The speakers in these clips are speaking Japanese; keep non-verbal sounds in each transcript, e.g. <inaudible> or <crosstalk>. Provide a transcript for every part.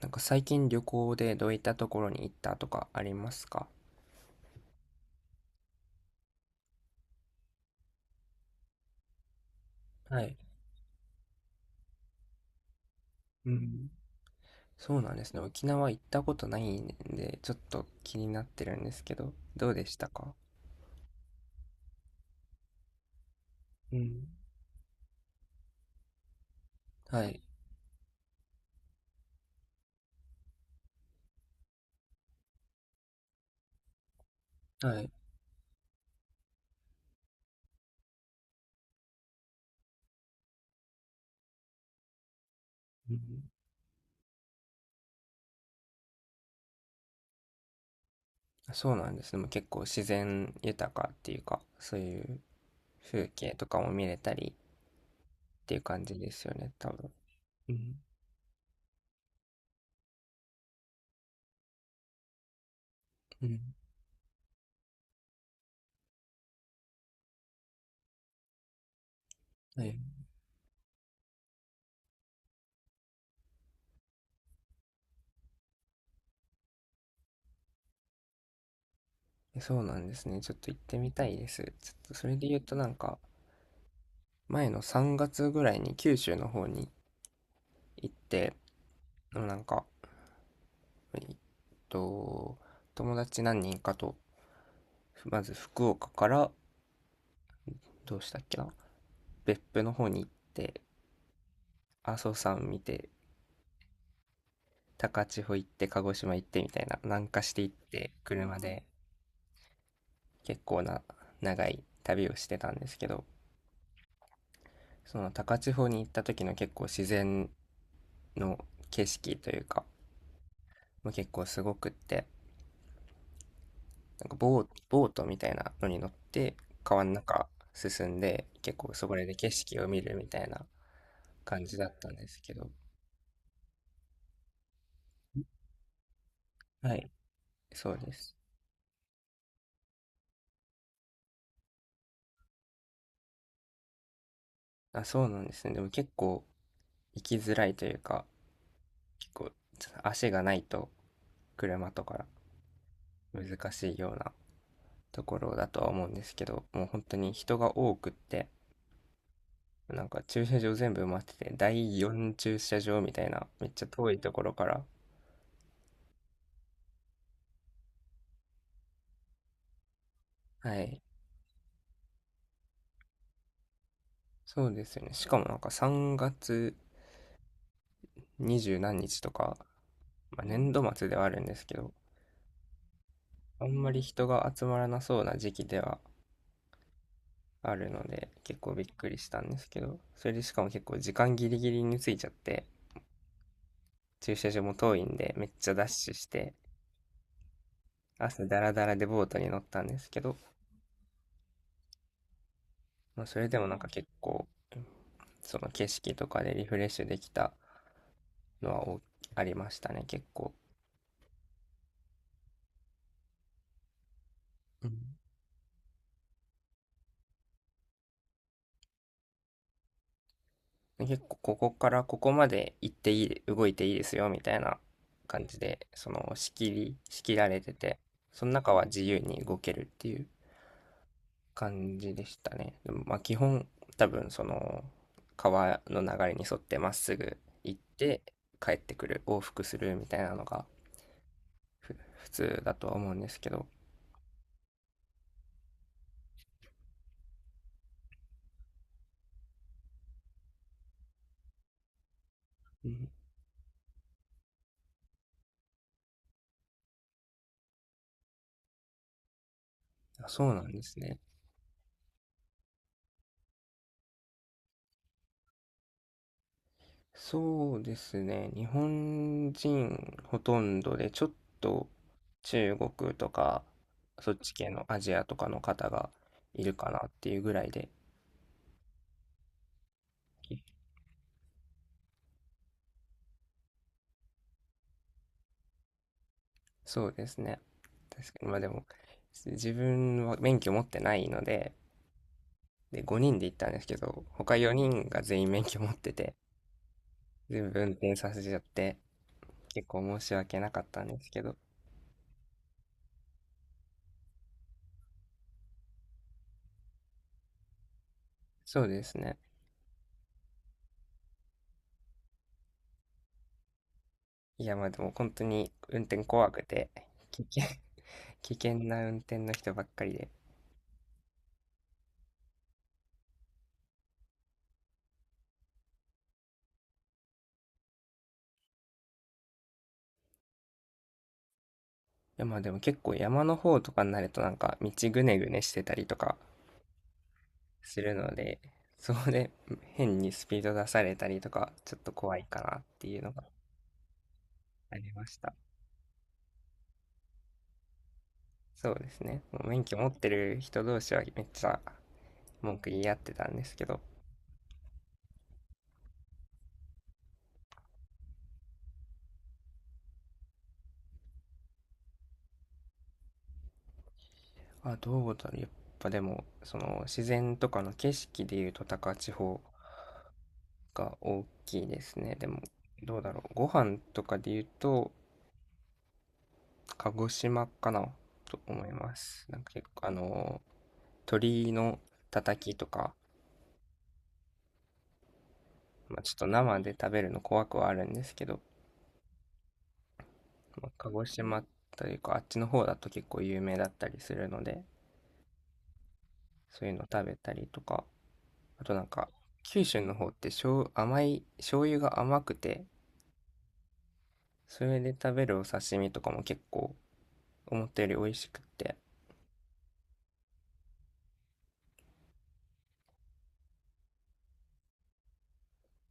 なんか最近旅行でどういったところに行ったとかありますか？はい。うん。そうなんですね。沖縄行ったことないんで、ちょっと気になってるんですけど、どうでしたか？うん。はい。はい。うん。そうなんですね。でも結構自然豊かっていうか、そういう風景とかも見れたりっていう感じですよね、多分。うん。うん。はい。え、そうなんですね。ちょっと行ってみたいです。ちょっとそれで言うとなんか、前の3月ぐらいに九州の方に行って、なんかえっと友達何人かと、まず福岡から、どうしたっけな、別府の方に行って、阿蘇山見て、高千穂行って、鹿児島行って、みたいな南下して行って、車で結構な長い旅をしてたんですけど、その高千穂に行った時の結構自然の景色というか、もう結構すごくって、なんかボートみたいなのに乗って、川の中進んで、結構そこで景色を見るみたいな感じだったんですけど。はい、そうです。あ、そうなんですね。でも結構行きづらいというか、結構ちょっと足がないと車とか難しいようなところだとは思うんですけど、もう本当に人が多くって、なんか駐車場全部埋まってて、第4駐車場みたいなめっちゃ遠いところから。はい。そうですよね。しかもなんか3月二十何日とか、まあ、年度末ではあるんですけど、あんまり人が集まらなそうな時期ではあるので、結構びっくりしたんですけど、それでしかも結構時間ギリギリについちゃって、駐車場も遠いんで、めっちゃダッシュして、朝ダラダラでボートに乗ったんですけど、まあ、それでもなんか結構、その景色とかでリフレッシュできたのはありましたね、結構。うん。結構ここからここまで行っていい、動いていいですよ、みたいな感じで、その仕切られてて、その中は自由に動けるっていう感じでしたね。でもまあ基本、多分その川の流れに沿ってまっすぐ行って帰ってくる、往復するみたいなのが普通だとは思うんですけど、うん、あ、そうなんですね。そうですね。日本人ほとんどで、ちょっと中国とか、そっち系のアジアとかの方がいるかなっていうぐらいで、そうですね。確かに。まあでも、自分は免許持ってないので、で、5人で行ったんですけど、他4人が全員免許持ってて、全部運転させちゃって、結構申し訳なかったんですけど、そうですね。いや、まあでも本当に運転怖くて、危険危険な運転の人ばっかりで。いやまあでも結構山の方とかになると、なんか道ぐねぐねしてたりとかするので、そこで <laughs> 変にスピード出されたりとか、ちょっと怖いかなっていうのがありました。そうですね。もう免許持ってる人同士はめっちゃ文句言い合ってたんですけど、あ、どうだろう。やっぱでも、その自然とかの景色でいうと、高千穂が大きいですね。でも、どうだろう。ご飯とかで言うと、鹿児島かなと思います。なんか結構、あの鳥のたたきとか、まあ、ちょっと生で食べるの怖くはあるんですけど、まあ、鹿児島というか、あっちの方だと結構有名だったりするので、そういうの食べたりとか、あとなんか、九州の方って醤油が甘くて、それで食べるお刺身とかも結構思ったより美味しくって、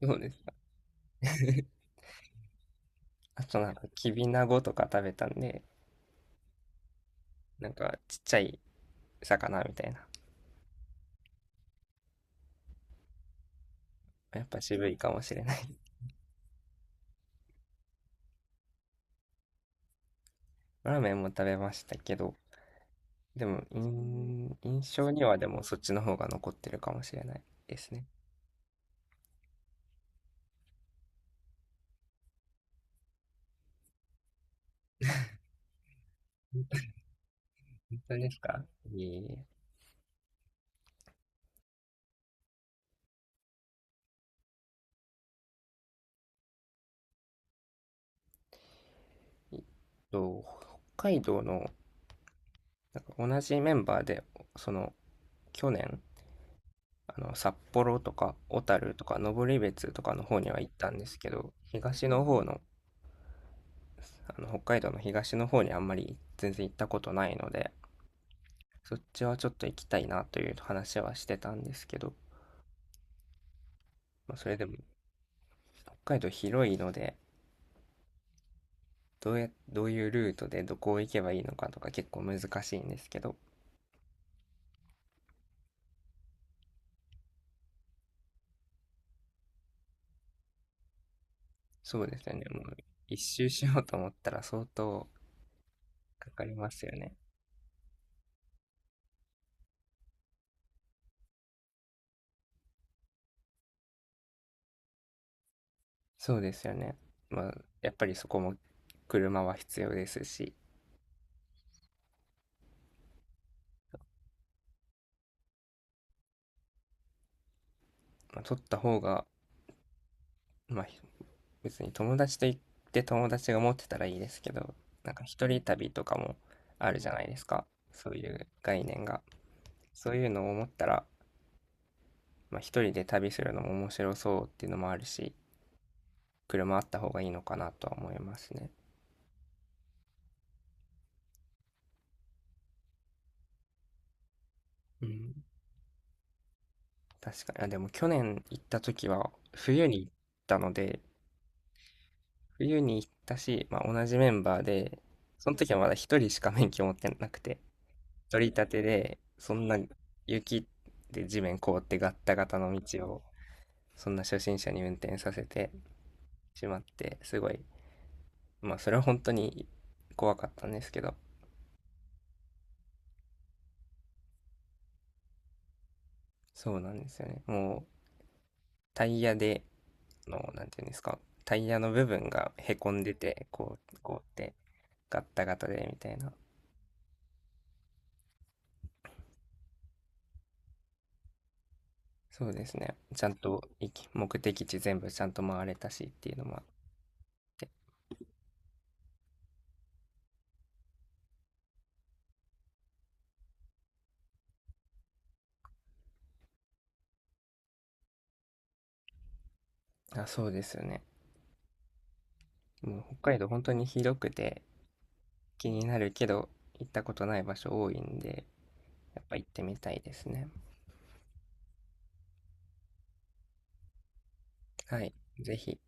そうですね。<laughs> あとなんか、きびなごとか食べたんで、なんかちっちゃい魚みたいな。やっぱ渋いかもしれない。<laughs> ラーメンも食べましたけど、でも、印象にはでもそっちの方が残ってるかもしれないですね。本当ですか？いえいえ。えっと、北海道の、なんか同じメンバーで、その、去年、札幌とか小樽とか登別とかの方には行ったんですけど、東の方の、あの、北海道の東の方にあんまり全然行ったことないので、そっちはちょっと行きたいなという話はしてたんですけど、まあ、それでも北海道広いので、どういうルートでどこを行けばいいのかとか結構難しいんですけど、そうですよね。もう一周しようと思ったら相当かかりますよね。そうですよね。まあ、やっぱりそこも車は必要ですし、まあ、取った方が、まあ、別に友達と行って友達が持ってたらいいですけど、なんか一人旅とかもあるじゃないですか。そういう概念が。そういうのを思ったら、まあ、一人で旅するのも面白そうっていうのもあるし、車あった方がいいのかなとは思いますね。うん。確かに。あ、でも去年行った時は冬に行ったので、冬に行ったし、まあ、同じメンバーで、その時はまだ一人しか免許持ってなくて、取り立てで、そんな雪で地面凍ってガッタガタの道を、そんな初心者に運転させてしまって、すごい、まあそれは本当に怖かったんですけど、そうなんですよね。もうタイヤでの、なんていうんですか、タイヤの部分がへこんでて、こう、こうってガッタガタでみたいな。そうですね。ちゃんと目的地全部ちゃんと回れたしっていうのもあって。あ、そうですよね。もう北海道本当に広くて、気になるけど行ったことない場所多いんで、やっぱ行ってみたいですね。はい。ぜひ。